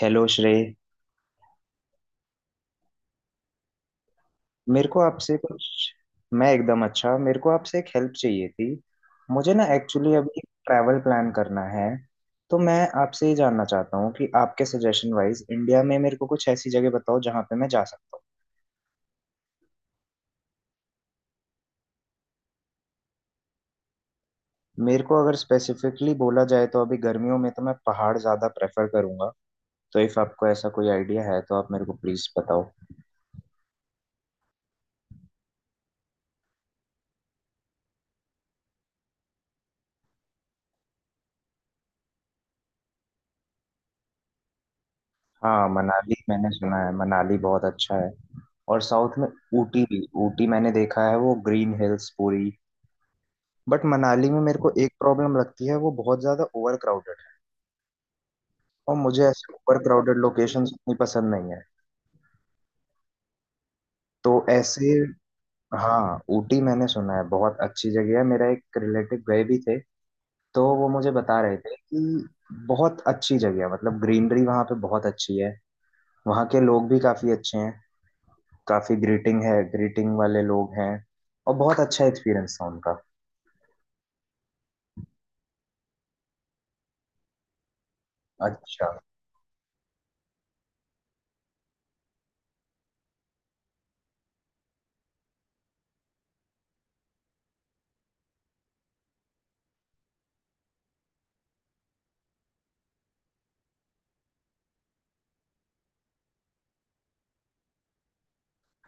Hello Shrey. मेरे को आपसे कुछ। मैं एकदम अच्छा। मेरे को आपसे एक हेल्प चाहिए थी। मुझे ना एक्चुअली अभी ट्रैवल प्लान करना है। तो मैं आपसे ये जानना चाहता हूँ कि आपके सजेशन वाइज इंडिया में मेरे को कुछ ऐसी जगह बताओ जहाँ पे मैं जा सकता हूँ। मेरे को अगर स्पेसिफिकली बोला जाए तो अभी गर्मियों में तो मैं पहाड़ ज़्यादा प्रेफर करूँगा। तो इफ़ आपको ऐसा कोई आइडिया है तो आप मेरे को प्लीज़ बताओ। हाँ, मनाली मैंने सुना है, मनाली बहुत अच्छा है। और साउथ में? ऊटी भी। ऊटी मैंने देखा है, वो ग्रीन हिल्स पूरी। बट मनाली में मेरे को एक प्रॉब्लम लगती है, वो बहुत ज्यादा ओवर क्राउडेड है। और मुझे ऐसे ओवर क्राउडेड लोकेशन उतनी पसंद नहीं है। तो ऐसे। हाँ, ऊटी मैंने सुना है बहुत अच्छी जगह है। मेरा एक रिलेटिव गए भी थे। तो वो मुझे बता रहे थे कि बहुत अच्छी जगह है, मतलब ग्रीनरी वहाँ पे बहुत अच्छी है। वहाँ के लोग भी काफी अच्छे हैं। काफी ग्रीटिंग है, ग्रीटिंग वाले लोग हैं। और बहुत अच्छा एक्सपीरियंस था उनका। अच्छा।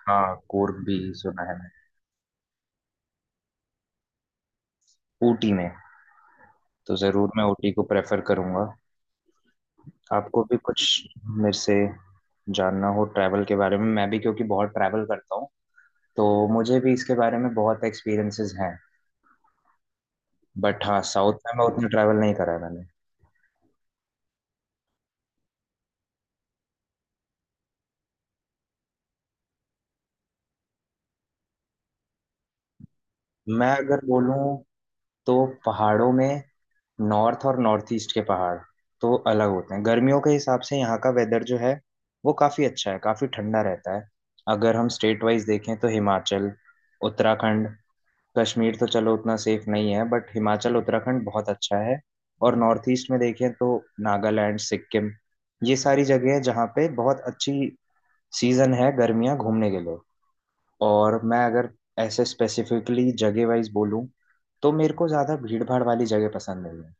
हाँ, कोर्ग भी सुना है मैंने। ऊटी में। तो जरूर मैं ऊटी को प्रेफर करूंगा। आपको भी कुछ मेरे से जानना हो ट्रैवल के बारे में, मैं भी क्योंकि बहुत ट्रैवल करता हूँ, तो मुझे भी इसके बारे में बहुत एक्सपीरियंसेस हैं। बट हाँ, साउथ में मैं उतना ट्रैवल नहीं करा है मैंने। मैं अगर बोलूँ तो पहाड़ों में, नॉर्थ और नॉर्थ ईस्ट के पहाड़ तो अलग होते हैं। गर्मियों के हिसाब से यहाँ का वेदर जो है, वो काफ़ी अच्छा है, काफ़ी ठंडा रहता है। अगर हम स्टेट वाइज देखें तो हिमाचल, उत्तराखंड, कश्मीर तो चलो उतना सेफ नहीं है, बट हिमाचल उत्तराखंड बहुत अच्छा है। और नॉर्थ ईस्ट में देखें तो नागालैंड, सिक्किम, ये सारी जगह है जहाँ पे बहुत अच्छी सीजन है, गर्मियाँ घूमने के लिए। और मैं अगर ऐसे स्पेसिफिकली जगह वाइज बोलूँ, तो मेरे को ज़्यादा भीड़ भाड़ वाली जगह पसंद नहीं है।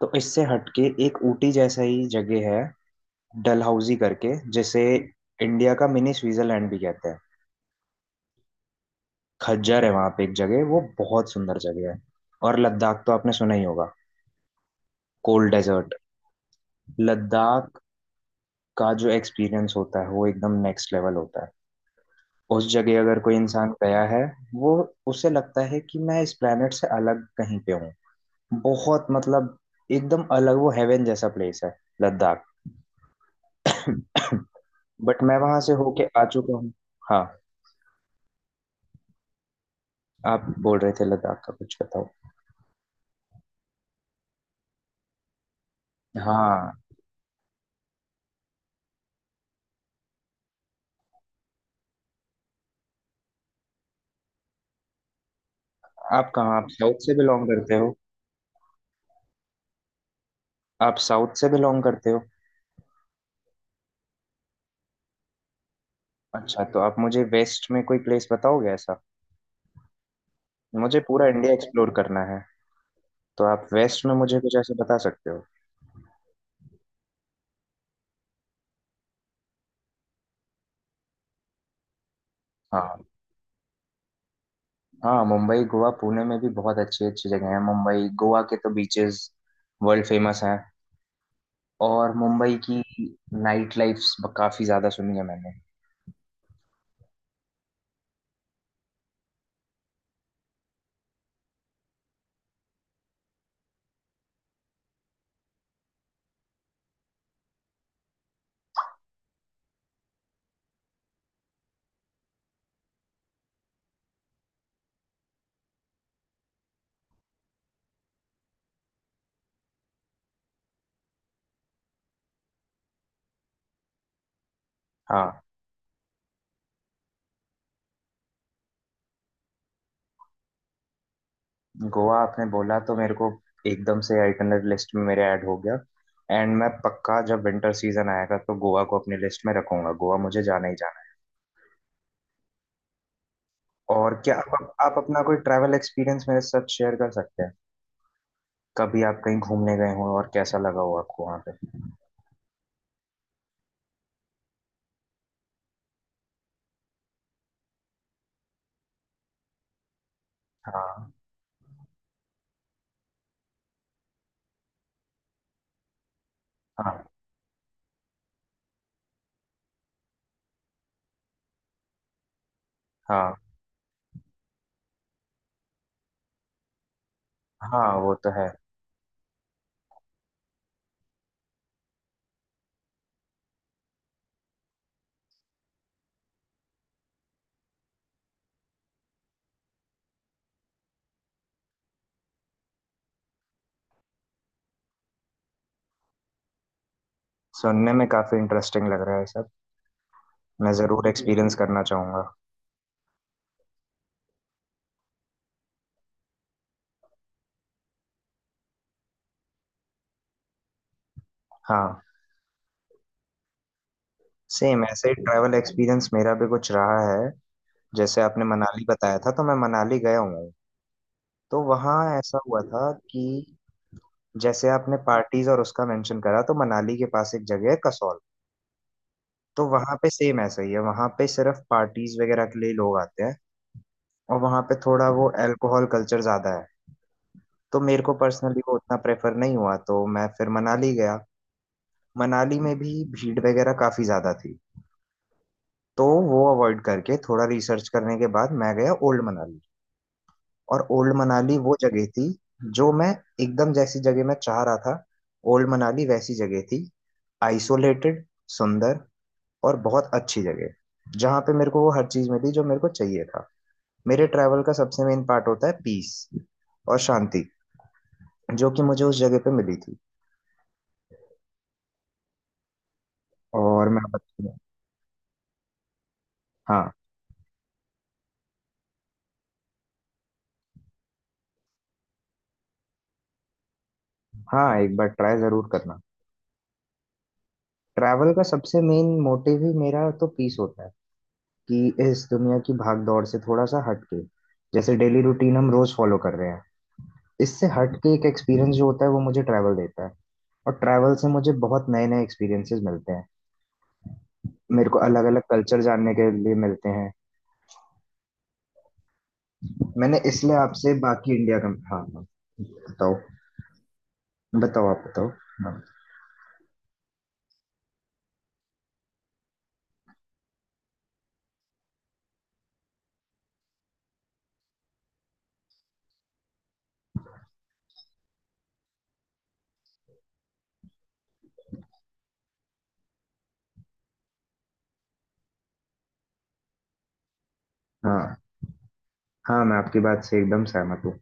तो इससे हटके एक ऊटी जैसा ही जगह है डलहौजी करके, जिसे इंडिया का मिनी स्विट्जरलैंड भी कहते हैं। खज्जर है वहाँ पे एक जगह, वो बहुत सुंदर जगह है। और लद्दाख तो आपने सुना ही होगा। Cold desert. लद्दाख का जो एक्सपीरियंस होता है, वो एकदम नेक्स्ट लेवल होता है। उस जगह अगर कोई इंसान गया है, वो उसे लगता है कि मैं इस प्लेनेट से अलग कहीं पे हूँ। बहुत मतलब एकदम अलग, वो हेवन जैसा प्लेस है लद्दाख। बट मैं वहां से होके आ चुका हूँ। हाँ। आप बोल रहे थे लद्दाख का कुछ बताओ। हाँ। आप साउथ से बिलोंग करते हो? आप साउथ से बिलोंग करते हो? अच्छा, तो आप मुझे वेस्ट में कोई प्लेस बताओगे ऐसा? मुझे पूरा इंडिया एक्सप्लोर करना है। तो आप वेस्ट में मुझे कुछ ऐसे बता सकते हो? हाँ, हाँ। मुंबई, गोवा, पुणे में भी बहुत अच्छी अच्छी जगह है। मुंबई गोवा के तो बीचेस वर्ल्ड फेमस हैं। और मुंबई की नाइट लाइफ काफी ज्यादा सुनी है मैंने। हाँ। गोवा आपने बोला तो मेरे को एकदम से आइटनरी लिस्ट में मेरे ऐड हो गया। एंड मैं पक्का जब विंटर सीजन आएगा तो गोवा को अपनी लिस्ट में रखूंगा। गोवा मुझे जाना ही जाना है। और क्या आप अपना कोई ट्रैवल एक्सपीरियंस मेरे साथ शेयर कर सकते हैं? कभी आप कहीं घूमने गए हो और कैसा लगा हो आपको वहाँ पे? हाँ। हाँ। हाँ। हाँ, वो तो है। सुनने में काफी इंटरेस्टिंग लग रहा है सब। मैं जरूर एक्सपीरियंस करना चाहूंगा। हाँ, सेम ऐसे ही ट्रैवल एक्सपीरियंस मेरा भी कुछ रहा है। जैसे आपने मनाली बताया था तो मैं मनाली गया हूँ। तो वहाँ ऐसा हुआ था कि जैसे आपने पार्टीज और उसका मेंशन करा, तो मनाली के पास एक जगह है कसौल। तो वहाँ पे सेम ऐसा ही है, वहाँ पे सिर्फ पार्टीज वगैरह के लिए लोग आते हैं। और वहाँ पे थोड़ा वो अल्कोहल कल्चर ज्यादा है। तो मेरे को पर्सनली वो उतना प्रेफर नहीं हुआ, तो मैं फिर मनाली गया। मनाली में भी भीड़ वगैरह काफी ज्यादा थी। तो वो अवॉइड करके थोड़ा रिसर्च करने के बाद मैं गया ओल्ड मनाली। और ओल्ड मनाली वो जगह थी जो मैं एकदम जैसी जगह मैं चाह रहा था। ओल्ड मनाली वैसी जगह थी, आइसोलेटेड, सुंदर और बहुत अच्छी जगह, जहाँ पे मेरे को वो हर चीज मिली जो मेरे को चाहिए था। मेरे ट्रैवल का सबसे मेन पार्ट होता है पीस और शांति, जो कि मुझे उस जगह पे मिली थी। और मैं आपको। हाँ, हाँ, एक बार ट्राई जरूर करना। ट्रैवल का सबसे मेन मोटिव ही मेरा तो पीस होता है, कि इस दुनिया की भाग दौड़ से थोड़ा सा हट के, जैसे डेली रूटीन हम रोज फॉलो कर रहे हैं, इससे हट के एक एक्सपीरियंस जो होता है वो मुझे ट्रैवल देता है। और ट्रैवल से मुझे बहुत नए नए एक्सपीरियंसेस मिलते हैं। मेरे को अलग अलग कल्चर जानने के लिए मिलते हैं। मैंने इसलिए आपसे बाकी इंडिया का। हाँ, हाँ, बताओ। बताओ आप बताओ। हाँ। हाँ, हाँ। मैं आपकी बात से एकदम सहमत हूँ।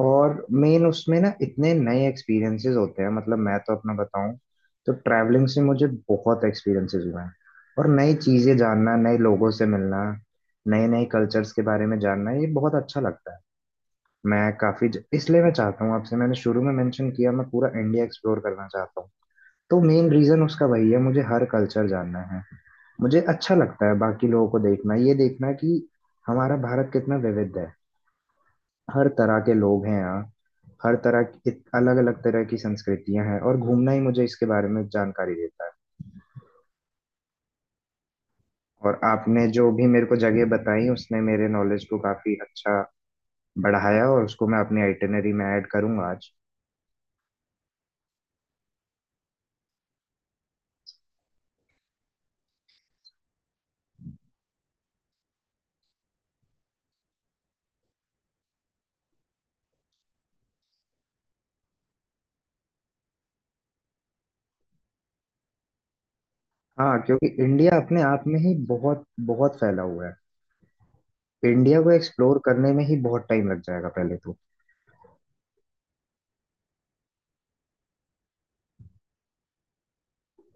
और मेन उसमें ना इतने नए एक्सपीरियंसेस होते हैं, मतलब मैं तो अपना बताऊं, तो ट्रैवलिंग से मुझे बहुत एक्सपीरियंसेस हुए हैं। और नई चीजें जानना, नए लोगों से मिलना, नए नए कल्चर्स के बारे में जानना, ये बहुत अच्छा लगता है। मैं इसलिए मैं चाहता हूँ आपसे, मैंने शुरू में मेंशन किया, मैं पूरा इंडिया एक्सप्लोर करना चाहता हूँ। तो मेन रीजन उसका वही है, मुझे हर कल्चर जानना है। मुझे अच्छा लगता है बाकी लोगों को देखना, ये देखना कि हमारा भारत कितना विविध है। हर तरह के लोग हैं यहाँ। हर तरह की, अलग अलग तरह की संस्कृतियां हैं, और घूमना ही मुझे इसके बारे में जानकारी देता है। और आपने जो भी मेरे को जगह बताई, उसने मेरे नॉलेज को काफी अच्छा बढ़ाया, और उसको मैं अपनी आइटिनरी में ऐड करूंगा आज। हाँ, क्योंकि इंडिया अपने आप में ही बहुत बहुत फैला हुआ है। इंडिया को एक्सप्लोर करने में ही बहुत टाइम लग जाएगा पहले तो।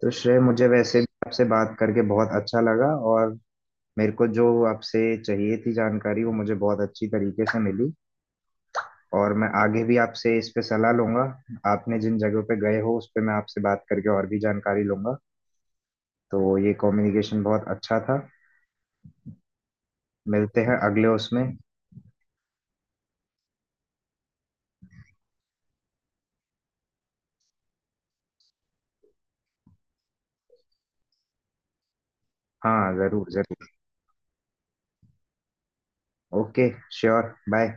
तो श्रेय, मुझे वैसे भी आपसे बात करके बहुत अच्छा लगा। और मेरे को जो आपसे चाहिए थी जानकारी, वो मुझे बहुत अच्छी तरीके से मिली। और मैं आगे भी आपसे इस पे सलाह लूंगा। आपने जिन जगहों पे गए हो उस पे मैं आपसे बात करके और भी जानकारी लूंगा। तो ये कम्युनिकेशन बहुत अच्छा था। मिलते हैं अगले उसमें। हाँ, जरूर जरूर। ओके। Sure, bye.